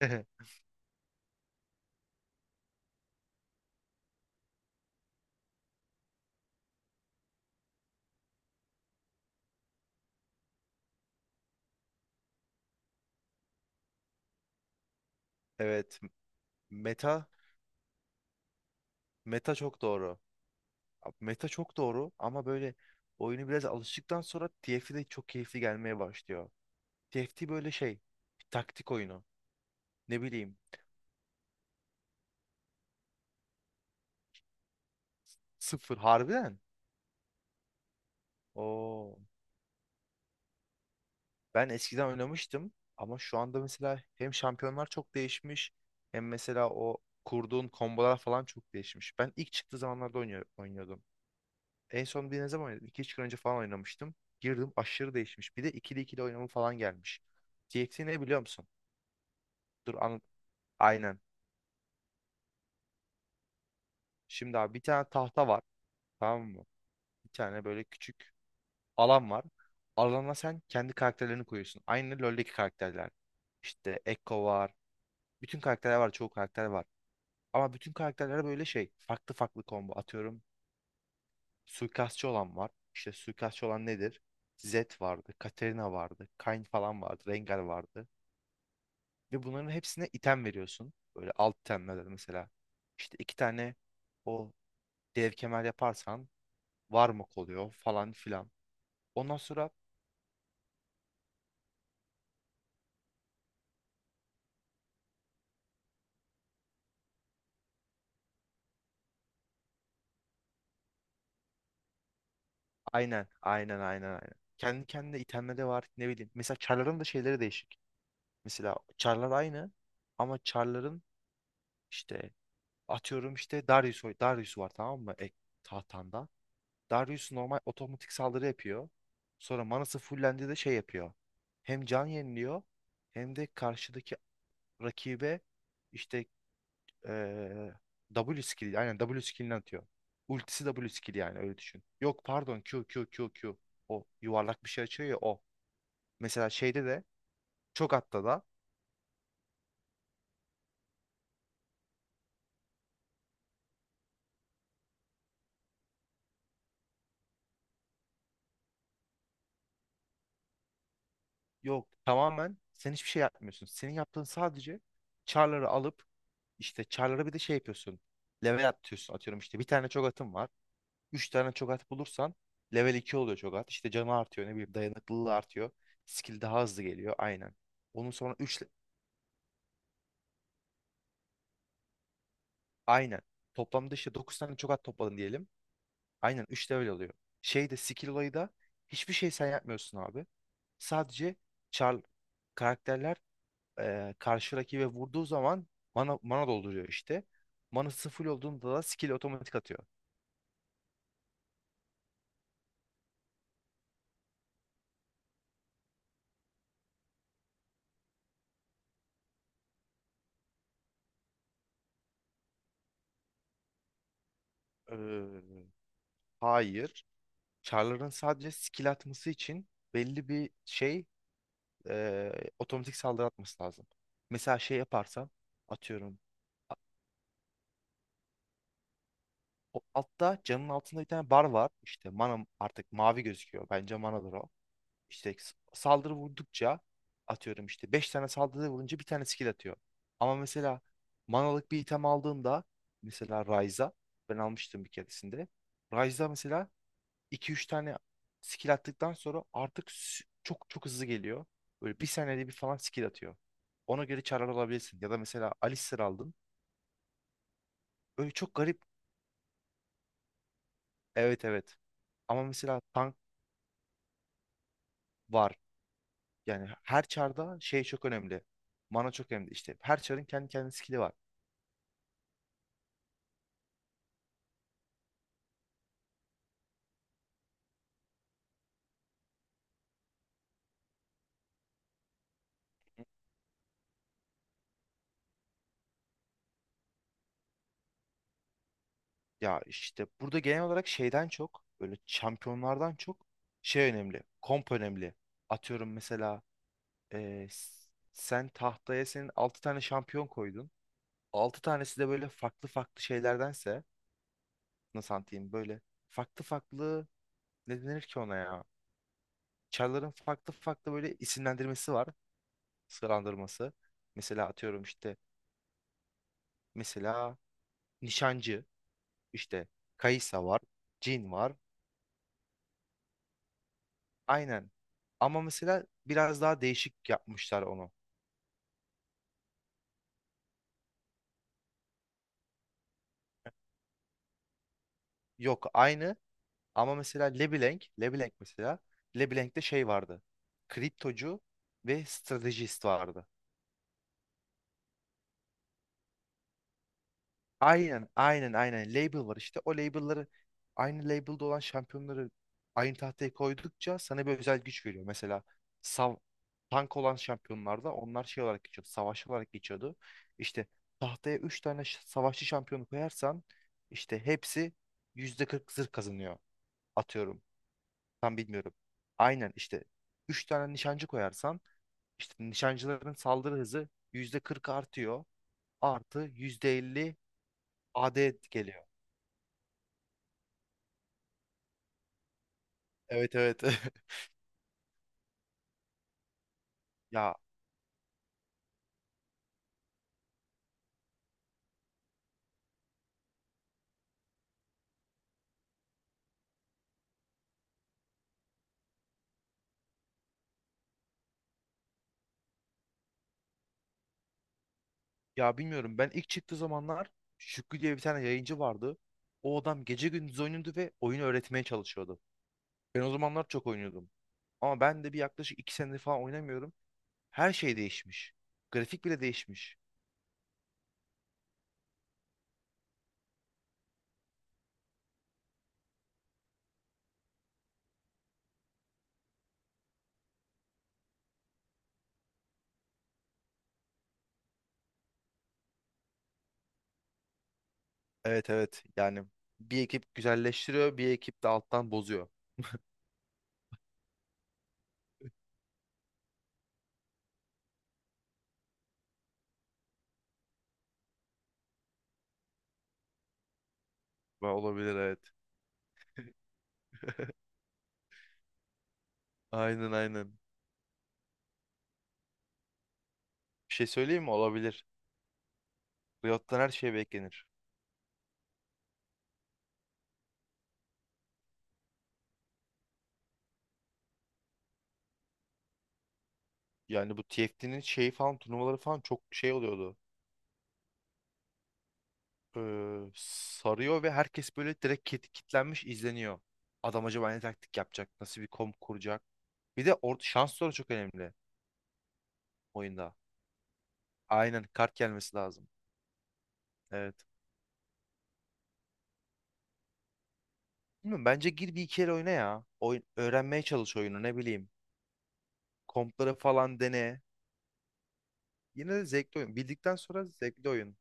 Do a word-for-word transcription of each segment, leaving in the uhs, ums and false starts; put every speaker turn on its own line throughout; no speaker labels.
Evet. Meta. Meta çok doğru. Meta çok doğru ama böyle oyunu biraz alıştıktan sonra T TFT de çok keyifli gelmeye başlıyor. T F T böyle şey. Taktik oyunu. Ne bileyim. Sıfır. Harbiden. Oo. Ben eskiden oynamıştım ama şu anda mesela hem şampiyonlar çok değişmiş hem mesela o kurduğun kombolar falan çok değişmiş. Ben ilk çıktığı zamanlarda oynuyor, oynuyordum. En son bir ne zaman oynadım? iki, üç gün önce falan oynamıştım. Girdim aşırı değişmiş. Bir de ikili ikili oynama falan gelmiş. T X T ne biliyor musun? Dur an aynen. Şimdi abi bir tane tahta var. Tamam mı? Bir tane böyle küçük alan var. Alana sen kendi karakterlerini koyuyorsun. Aynı LoL'deki karakterler. İşte Ekko var. Bütün karakterler var. Çoğu karakter var. Ama bütün karakterlere böyle şey. Farklı farklı combo atıyorum. Suikastçı olan var. İşte suikastçı olan nedir? Zed vardı. Katarina vardı. Kayn falan vardı. Rengar vardı. Ve bunların hepsine item veriyorsun. Böyle alt itemler mesela. İşte iki tane o dev kemer yaparsan var mı oluyor falan filan. Ondan sonra aynen aynen aynen aynen. Kendi kendine itemleri de var ne bileyim. Mesela çarların da şeyleri değişik. Mesela çarlar aynı ama çarların işte atıyorum işte Darius, oy- Darius var tamam mı? Ek, tahtanda. Darius normal otomatik saldırı yapıyor. Sonra manası fullendi de şey yapıyor. Hem can yeniliyor hem de karşıdaki rakibe işte eee, W skill aynen W skill'ini atıyor. Ultisi W skill yani öyle düşün. Yok pardon Q Q Q Q. O yuvarlak bir şey açıyor ya o. Mesela şeyde de çok hatta da yok tamamen sen hiçbir şey yapmıyorsun. Senin yaptığın sadece char'ları alıp işte char'lara bir de şey yapıyorsun. Level atıyorsun atıyorum işte bir tane çok atım var. Üç tane çok at bulursan level iki oluyor çok at. İşte canı artıyor ne bileyim dayanıklılığı artıyor. Skill daha hızlı geliyor aynen. Onun sonra üç aynen. Toplamda işte dokuz tane çok at topladın diyelim. Aynen üçte de öyle oluyor. Şeyde skill olayı da hiçbir şey sen yapmıyorsun abi. Sadece char karakterler eee karşı rakibe vurduğu zaman mana, mana dolduruyor işte. Manası full olduğunda da skill otomatik atıyor. Eee, hayır. Char'ların sadece skill atması için belli bir şey eee, otomatik saldırı atması lazım. Mesela şey yaparsan atıyorum. O altta camın altında bir tane bar var. İşte mana artık mavi gözüküyor. Bence manadır o. İşte s- saldırı vurdukça atıyorum işte beş tane saldırı vurunca bir tane skill atıyor. Ama mesela manalık bir item aldığında mesela Ryza ben almıştım bir keresinde. Ryza mesela iki üç tane skill attıktan sonra artık s- çok çok hızlı geliyor. Böyle bir saniyede bir falan skill atıyor. Ona göre çarlar alabilirsin. Ya da mesela Alistar aldın. Böyle çok garip. Evet evet. Ama mesela tank var. Yani her çarda şey çok önemli. Mana çok önemli. İşte her çarın kendi kendine skill'i var. Ya işte burada genel olarak şeyden çok böyle şampiyonlardan çok şey önemli. Komp önemli. Atıyorum mesela eee, s- sen tahtaya senin altı tane şampiyon koydun. Altı tanesi de böyle farklı farklı şeylerdense nasıl anlatayım böyle farklı farklı ne denir ki ona ya? Çarların farklı farklı böyle isimlendirmesi var. Sıralandırması. Mesela atıyorum işte mesela nişancı. İşte Kayısa var, Jin var. Aynen. Ama mesela biraz daha değişik yapmışlar onu. Yok aynı ama mesela LeBlanc, LeBlanc mesela LeBlanc'te şey vardı. Kriptocu ve stratejist vardı. Aynen, aynen, aynen. Label var işte. O label'ları aynı label'da olan şampiyonları aynı tahtaya koydukça sana bir özel güç veriyor. Mesela sav tank olan şampiyonlarda onlar şey olarak geçiyordu. Savaşçı olarak geçiyordu. İşte tahtaya üç tane ş- savaşçı şampiyonu koyarsan işte hepsi yüzde kırk zırh kazanıyor. Atıyorum. Tam bilmiyorum. Aynen işte üç tane nişancı koyarsan işte nişancıların saldırı hızı yüzde kırk artıyor. Artı yüzde elli A D geliyor. Evet evet. Ya ya bilmiyorum ben ilk çıktığı zamanlar Şükrü diye bir tane yayıncı vardı. O adam gece gündüz oynuyordu ve oyunu öğretmeye çalışıyordu. Ben o zamanlar çok oynuyordum. Ama ben de bir yaklaşık iki senedir falan oynamıyorum. Her şey değişmiş. Grafik bile değişmiş. Evet evet yani bir ekip güzelleştiriyor bir ekip de alttan bozuyor. Ve olabilir evet. Aynen aynen. Bir şey söyleyeyim mi? Olabilir. Riot'tan her şey beklenir. Yani bu T F T'nin şeyi falan turnuvaları falan çok şey oluyordu. E, sarıyor ve herkes böyle direkt kit- kitlenmiş izleniyor. Adam acaba ne taktik yapacak? Nasıl bir kom kuracak? Bir de orada şans da çok önemli oyunda. Aynen kart gelmesi lazım. Evet. Bilmiyorum, bence gir bir iki el oyna ya. Oyun, öğrenmeye çalış oyunu ne bileyim. Kompları falan dene. Yine de zevkli oyun. Bildikten sonra zevkli oyun.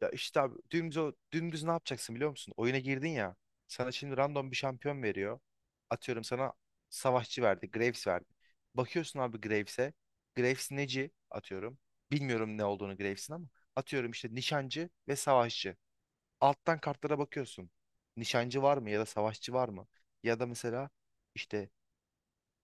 Ya işte abi dümdüz, o- dümdüz ne yapacaksın biliyor musun? Oyuna girdin ya. Sana şimdi random bir şampiyon veriyor. Atıyorum sana savaşçı verdi. Graves verdi. Bakıyorsun abi Graves'e. Graves neci atıyorum. Bilmiyorum ne olduğunu Graves'in ama. Atıyorum işte nişancı ve savaşçı. Alttan kartlara bakıyorsun. Nişancı var mı ya da savaşçı var mı? Ya da mesela işte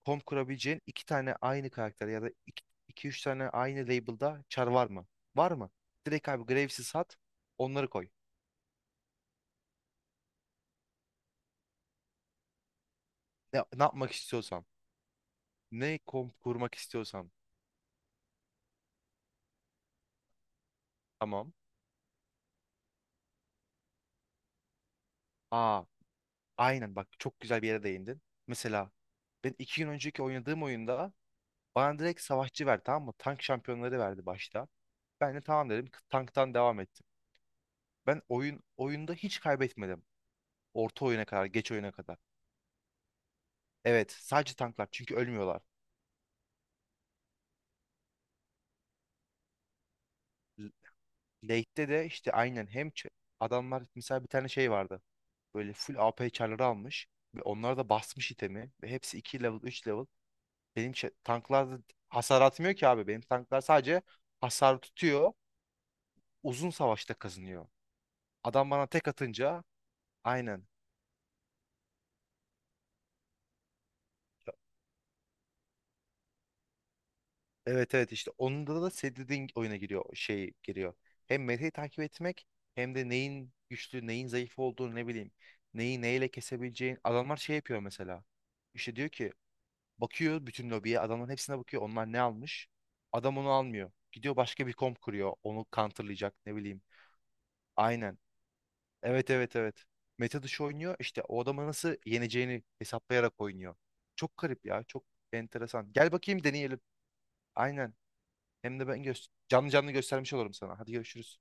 komp kurabileceğin iki tane aynı karakter ya da iki, iki üç tane aynı label'da çar var mı? Var mı? Direkt abi Graves'i sat onları koy. Ne, ne yapmak istiyorsam. Ne kom- kurmak istiyorsam. Tamam. Aa, aynen bak çok güzel bir yere değindin. Mesela ben iki gün önceki oynadığım oyunda bana direkt savaşçı verdi tamam mı? Tank şampiyonları verdi başta. Ben de tamam dedim. k- Tanktan devam ettim. Ben oyun oyunda hiç kaybetmedim. Orta oyuna kadar, geç oyuna kadar. Evet, sadece tanklar çünkü ölmüyorlar. L- Late'te de işte aynen hem ç- adamlar mesela bir tane şey vardı. Böyle full A P çarları almış ve onlar da basmış itemi ve hepsi iki level, üç level. Benim şey, tanklar hasar atmıyor ki abi. Benim tanklar sadece hasar tutuyor. Uzun savaşta kazanıyor. Adam bana tek atınca aynen. Evet evet işte onda da senin dediğin oyuna giriyor. Şey giriyor. Hem metayı takip etmek hem de neyin güçlü neyin zayıf olduğunu ne bileyim. Neyi neyle kesebileceğin. Adamlar şey yapıyor mesela. İşte diyor ki bakıyor bütün lobiye adamların hepsine bakıyor. Onlar ne almış? Adam onu almıyor. Gidiyor başka bir komp kuruyor. Onu counterlayacak ne bileyim. Aynen. Evet evet evet. Meta dışı oynuyor. İşte o adama nasıl yeneceğini hesaplayarak oynuyor. Çok garip ya. Çok enteresan. Gel bakayım deneyelim. Aynen. Hem de ben göster canlı canlı göstermiş olurum sana. Hadi görüşürüz.